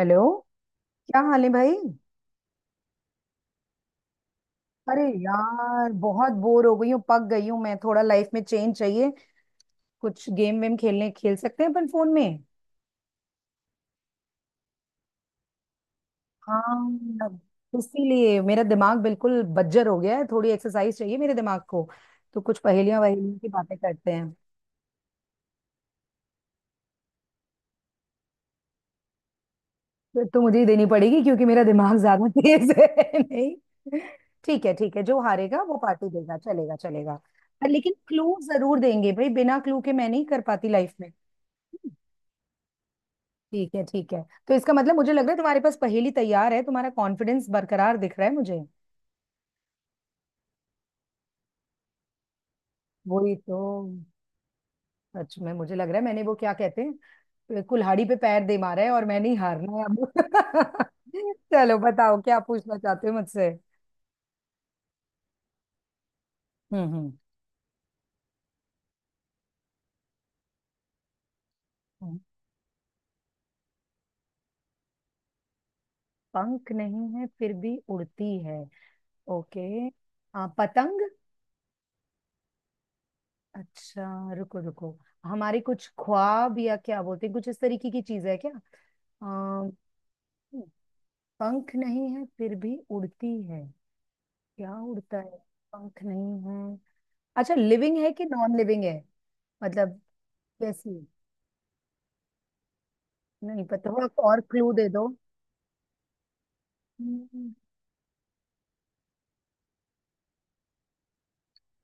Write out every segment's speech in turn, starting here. Hello. क्या हाल है भाई। अरे यार बहुत बोर हो गई हूँ, पक गई हूँ मैं। थोड़ा लाइफ में चेंज चाहिए। कुछ गेम वेम खेलने खेल सकते हैं अपन फोन में। हाँ, इसीलिए मेरा दिमाग बिल्कुल बज्जर हो गया है, थोड़ी एक्सरसाइज चाहिए मेरे दिमाग को। तो कुछ पहेलियां वहेलियां की बातें करते हैं। तो मुझे ही देनी पड़ेगी क्योंकि मेरा दिमाग ज्यादा तेज है नहीं। ठीक है ठीक है, जो हारेगा वो पार्टी देगा, चलेगा चलेगा। पर लेकिन क्लू जरूर देंगे भाई, बिना क्लू के मैं नहीं कर पाती लाइफ में। ठीक है ठीक है। तो इसका मतलब मुझे लग रहा है तुम्हारे पास पहेली तैयार है, तुम्हारा कॉन्फिडेंस बरकरार दिख रहा है मुझे। वही तो। सच में मुझे लग रहा है मैंने वो क्या कहते हैं, कुल्हाड़ी पे पैर दे मारा है और मैंने ही हारना है अब। चलो बताओ क्या पूछना चाहते हो मुझसे। हम्म। हम्म। पंख नहीं है फिर भी उड़ती है। ओके। पतंग। अच्छा रुको रुको, हमारे कुछ ख्वाब या क्या बोलते हैं कुछ इस तरीके की चीज है क्या। आ, पंख नहीं है फिर भी उड़ती है। क्या उड़ता है। पंख नहीं है। अच्छा लिविंग है कि नॉन लिविंग है। मतलब। कैसी। नहीं पता, थोड़ा और क्लू दे दो। हम्म,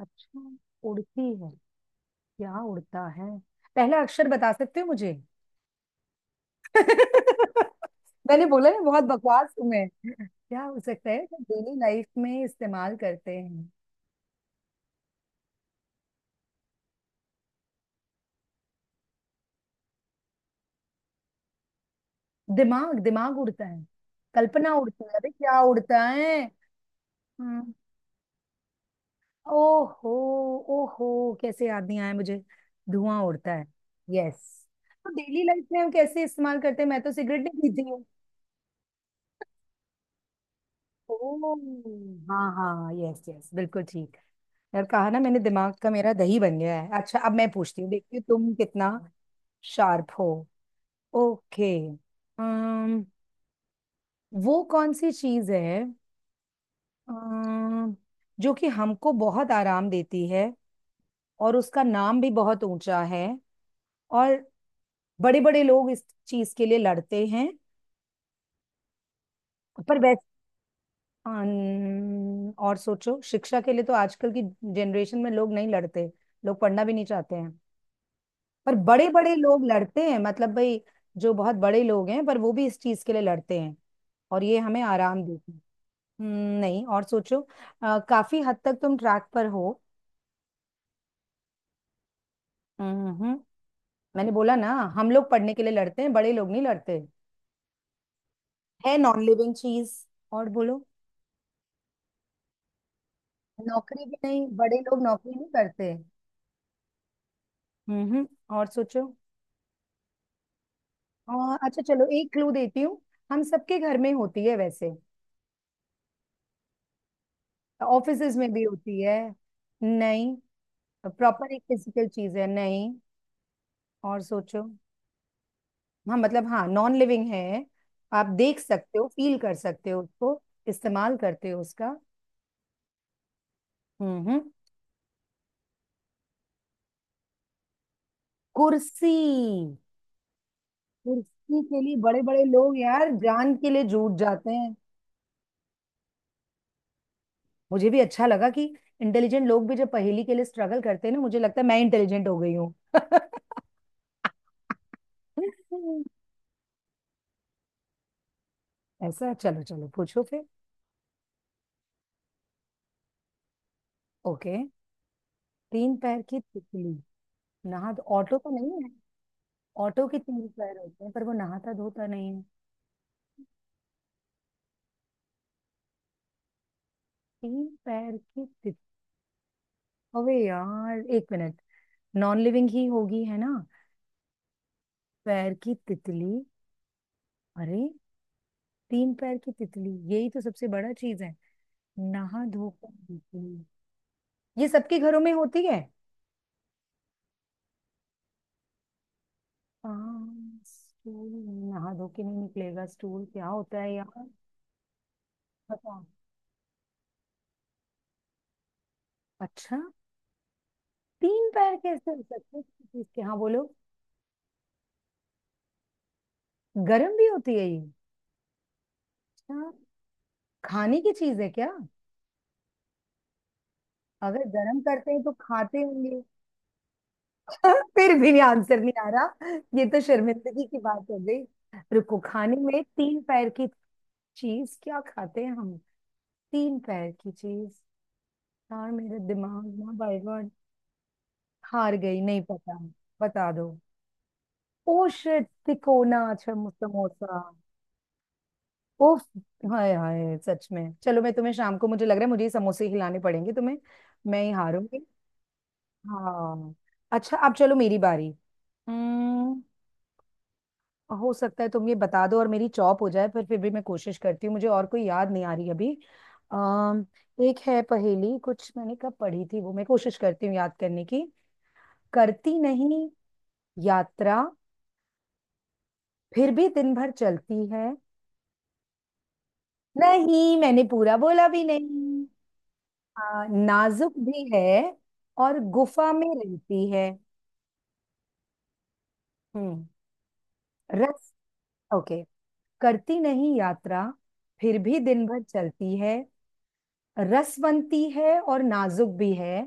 अच्छा। उड़ती है, क्या उड़ता है। पहला अक्षर बता सकते हो मुझे। मैंने बोला ना बहुत बकवास हूं मैं। क्या हो सकता है जो डेली लाइफ में इस्तेमाल करते हैं। दिमाग दिमाग उड़ता है, कल्पना उड़ती है, अरे क्या उड़ता है। हम्म। ओहो। ओहो, कैसे याद नहीं आया मुझे। धुआं उड़ता है। यस। तो डेली लाइफ में हम कैसे इस्तेमाल करते हैं, मैं तो सिगरेट नहीं पीती हूँ। ओ, हाँ हाँ, यस यस, बिल्कुल ठीक। यार कहा ना मैंने दिमाग का मेरा दही बन गया है। अच्छा अब मैं पूछती हूँ, देखती हूँ तुम कितना शार्प हो। ओके। अम्म वो कौन सी चीज है, अम्म जो कि हमको बहुत आराम देती है, और उसका नाम भी बहुत ऊंचा है, और बड़े बड़े लोग इस चीज के लिए लड़ते हैं। पर वैसे और सोचो, शिक्षा के लिए तो आजकल की जनरेशन में लोग नहीं लड़ते, लोग पढ़ना भी नहीं चाहते हैं। पर बड़े बड़े लोग लड़ते हैं मतलब भाई, जो बहुत बड़े लोग हैं पर वो भी इस चीज के लिए लड़ते हैं, और ये हमें आराम देती है। नहीं, और सोचो। काफी हद तक तुम ट्रैक पर हो। हम्म। मैंने बोला ना हम लोग पढ़ने के लिए लड़ते हैं, बड़े लोग नहीं लड़ते। है नॉन लिविंग चीज, और बोलो। नौकरी भी नहीं, बड़े लोग नौकरी नहीं करते। हम्म, और सोचो। और अच्छा चलो एक क्लू देती हूँ, हम सबके घर में होती है वैसे, ऑफिसेज में भी होती है। नहीं, प्रॉपर एक फिजिकल चीज है नहीं, और सोचो। हाँ मतलब हाँ नॉन लिविंग है, आप देख सकते हो फील कर सकते हो उसको, इस्तेमाल करते हो उसका। हम्म। कुर्सी। कुर्सी के लिए बड़े बड़े लोग यार जान के लिए जूट जाते हैं। मुझे भी अच्छा लगा कि इंटेलिजेंट लोग भी जब पहेली के लिए स्ट्रगल करते हैं ना, मुझे लगता है मैं इंटेलिजेंट हो गई हूँ। ऐसा है? चलो चलो पूछो फिर। ओके। तीन पैर की तितली नहा। ऑटो तो नहीं है। ऑटो के तीन पैर होते हैं पर वो नहाता धोता नहीं है। तीन पैर की तितली। अबे यार एक मिनट, नॉन लिविंग ही होगी है ना। पैर की तितली। अरे, तीन पैर की तितली यही तो सबसे बड़ा चीज है। नहा धोकर तितली। ये सबके घरों में होती है। हाँ, स्टूल। नहा धो के नहीं निकलेगा स्टूल, क्या होता है यार। पता। अच्छा तीन पैर कैसे हो सकते हैं किसी चीज के, हाँ बोलो। गरम भी होती है ये। अच्छा, खाने की चीज है क्या, अगर गरम करते हैं तो खाते होंगे। फिर भी आंसर नहीं आ रहा। ये तो शर्मिंदगी की बात हो गई। रुको, खाने में तीन पैर की चीज क्या खाते हैं हम। तीन पैर की चीज। यार मेरा दिमाग ना बाय गॉड, हार गई, नहीं पता। बता दो। ओ शिट, तिकोना, अच्छा समोसा। ओफ। हाय हाय सच में, चलो मैं तुम्हें शाम को, मुझे लग रहा है मुझे ही समोसे खिलाने पड़ेंगे तुम्हें, मैं ही हारूंगी। हाँ। अच्छा अब चलो मेरी बारी। हम्म। हो सकता है तुम ये बता दो और मेरी चॉप हो जाए, पर फिर भी मैं कोशिश करती हूँ, मुझे और कोई याद नहीं आ रही अभी। अम एक है पहेली कुछ मैंने कब पढ़ी थी, वो मैं कोशिश करती हूँ याद करने की। करती नहीं यात्रा, फिर भी दिन भर चलती है। नहीं मैंने पूरा बोला भी नहीं। नाजुक भी है, और गुफा में रहती है। हम्म। रस। ओके। करती नहीं यात्रा, फिर भी दिन भर चलती है, रसवंती है और नाजुक भी है,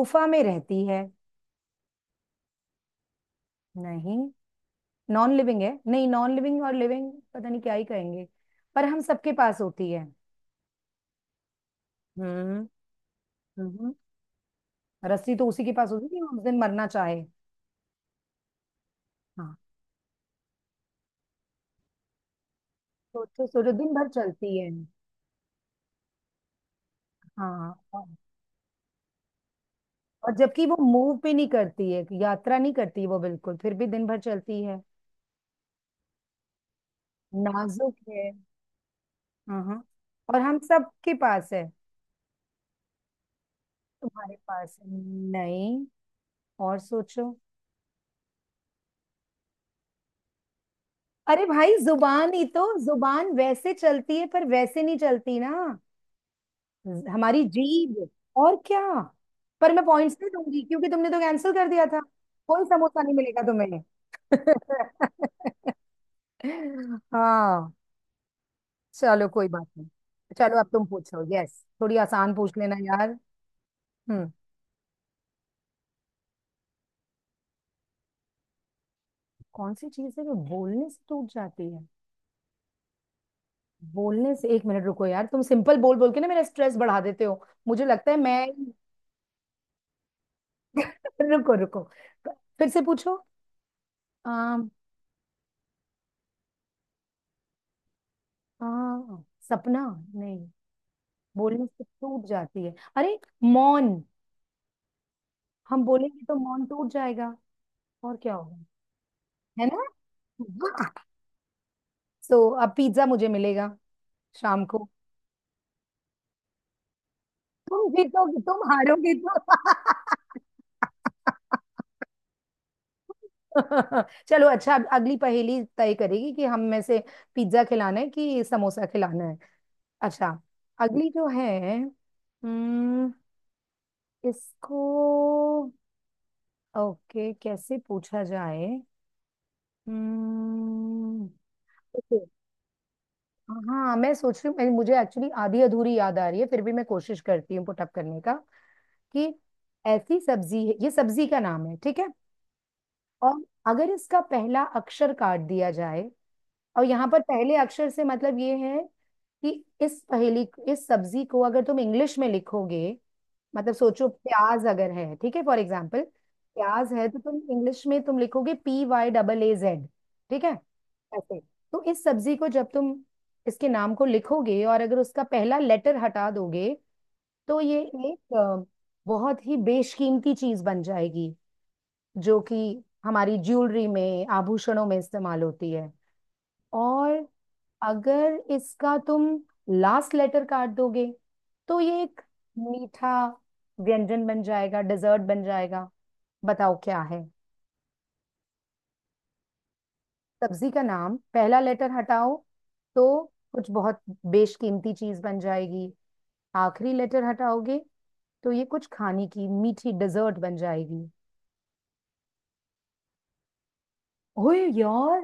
गुफा में रहती है। नहीं। नॉन लिविंग है, नहीं नॉन लिविंग और लिविंग पता नहीं क्या ही कहेंगे, पर हम सबके पास होती है। हम्म। हम्म। रस्सी तो उसी के पास होती है जो उस दिन मरना चाहे। हाँ। सोचो सोचो दिन भर चलती है। हाँ। और जबकि वो मूव भी नहीं करती है, यात्रा नहीं करती वो बिल्कुल, फिर भी दिन भर चलती है। नाजुक है। हाँ हाँ। और हम सबके पास है। तुम्हारे पास है। नहीं, और सोचो। अरे भाई जुबान, ही तो जुबान वैसे चलती है पर वैसे नहीं चलती ना। हमारी जीभ और क्या। पर मैं पॉइंट्स नहीं दूंगी क्योंकि तुमने तो कैंसिल कर दिया था, कोई समोसा नहीं मिलेगा तुम्हें। हाँ। चलो कोई बात नहीं। चलो अब तुम पूछो, यस थोड़ी आसान पूछ लेना यार। हम्म। कौन सी चीज है जो बोलने से टूट जाती है। बोलने से, एक मिनट रुको यार तुम सिंपल बोल बोल के ना मेरा स्ट्रेस बढ़ा देते हो, मुझे लगता है मैं। रुको रुको, फिर से पूछो। आम। आ, सपना। नहीं, बोलने से टूट जाती है, अरे मौन। हम बोलेंगे तो मौन टूट जाएगा और क्या होगा। है ना। सो so, अब पिज्जा मुझे मिलेगा शाम को। तुम जीतोगे, तुम हारोगे तो। चलो अच्छा, अब अगली पहेली तय करेगी कि हम में से पिज्जा खिलाना है कि समोसा खिलाना है। अच्छा। अगली जो है हम्म, इसको ओके कैसे पूछा जाए। हम्म। okay, हाँ मैं सोच रही हूँ, मुझे एक्चुअली आधी अधूरी याद आ रही है, फिर भी मैं कोशिश करती हूँ पुटअप करने का कि ऐसी सब्जी है, ये सब्जी का नाम है ठीक है। और अगर इसका पहला अक्षर काट दिया जाए, और यहाँ पर पहले अक्षर से मतलब ये है कि इस पहेली, इस सब्जी को अगर तुम इंग्लिश में लिखोगे, मतलब सोचो प्याज अगर है, ठीक है फॉर एग्जाम्पल, प्याज है तो तुम इंग्लिश में तुम लिखोगे PYAAZ, ठीक है ऐसे। तो इस सब्जी को जब तुम इसके नाम को लिखोगे और अगर उसका पहला लेटर हटा दोगे, तो ये एक बहुत ही बेशकीमती चीज बन जाएगी, जो कि हमारी ज्वेलरी में आभूषणों में इस्तेमाल होती है। और अगर इसका तुम लास्ट लेटर काट दोगे, तो ये एक मीठा व्यंजन बन जाएगा, डिजर्ट बन जाएगा। बताओ क्या है। सब्जी का नाम, पहला लेटर हटाओ तो कुछ बहुत बेशकीमती चीज बन जाएगी, आखिरी लेटर हटाओगे तो ये कुछ खाने की मीठी डिजर्ट बन जाएगी। ओए यार,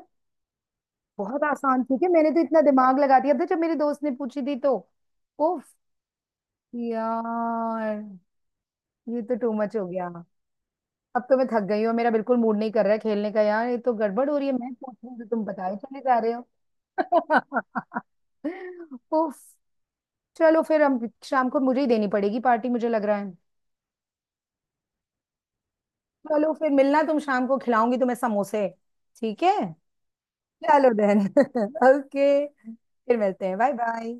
बहुत आसान थी कि मैंने तो इतना दिमाग लगा दिया था जब मेरे दोस्त ने पूछी थी तो। उफ। यार ये तो टू मच हो गया, अब तो मैं थक गई हूँ, मेरा बिल्कुल मूड नहीं कर रहा है खेलने का यार, ये तो गड़बड़ हो रही है, मैं पूछ रही हूँ तो तुम बताए चले जा रहे हो। उफ। चलो फिर, हम शाम को, मुझे ही देनी पड़ेगी पार्टी मुझे लग रहा है। चलो फिर मिलना तुम शाम को, खिलाऊंगी तुम्हें समोसे, ठीक है। चलो देन ओके फिर मिलते हैं, बाय बाय।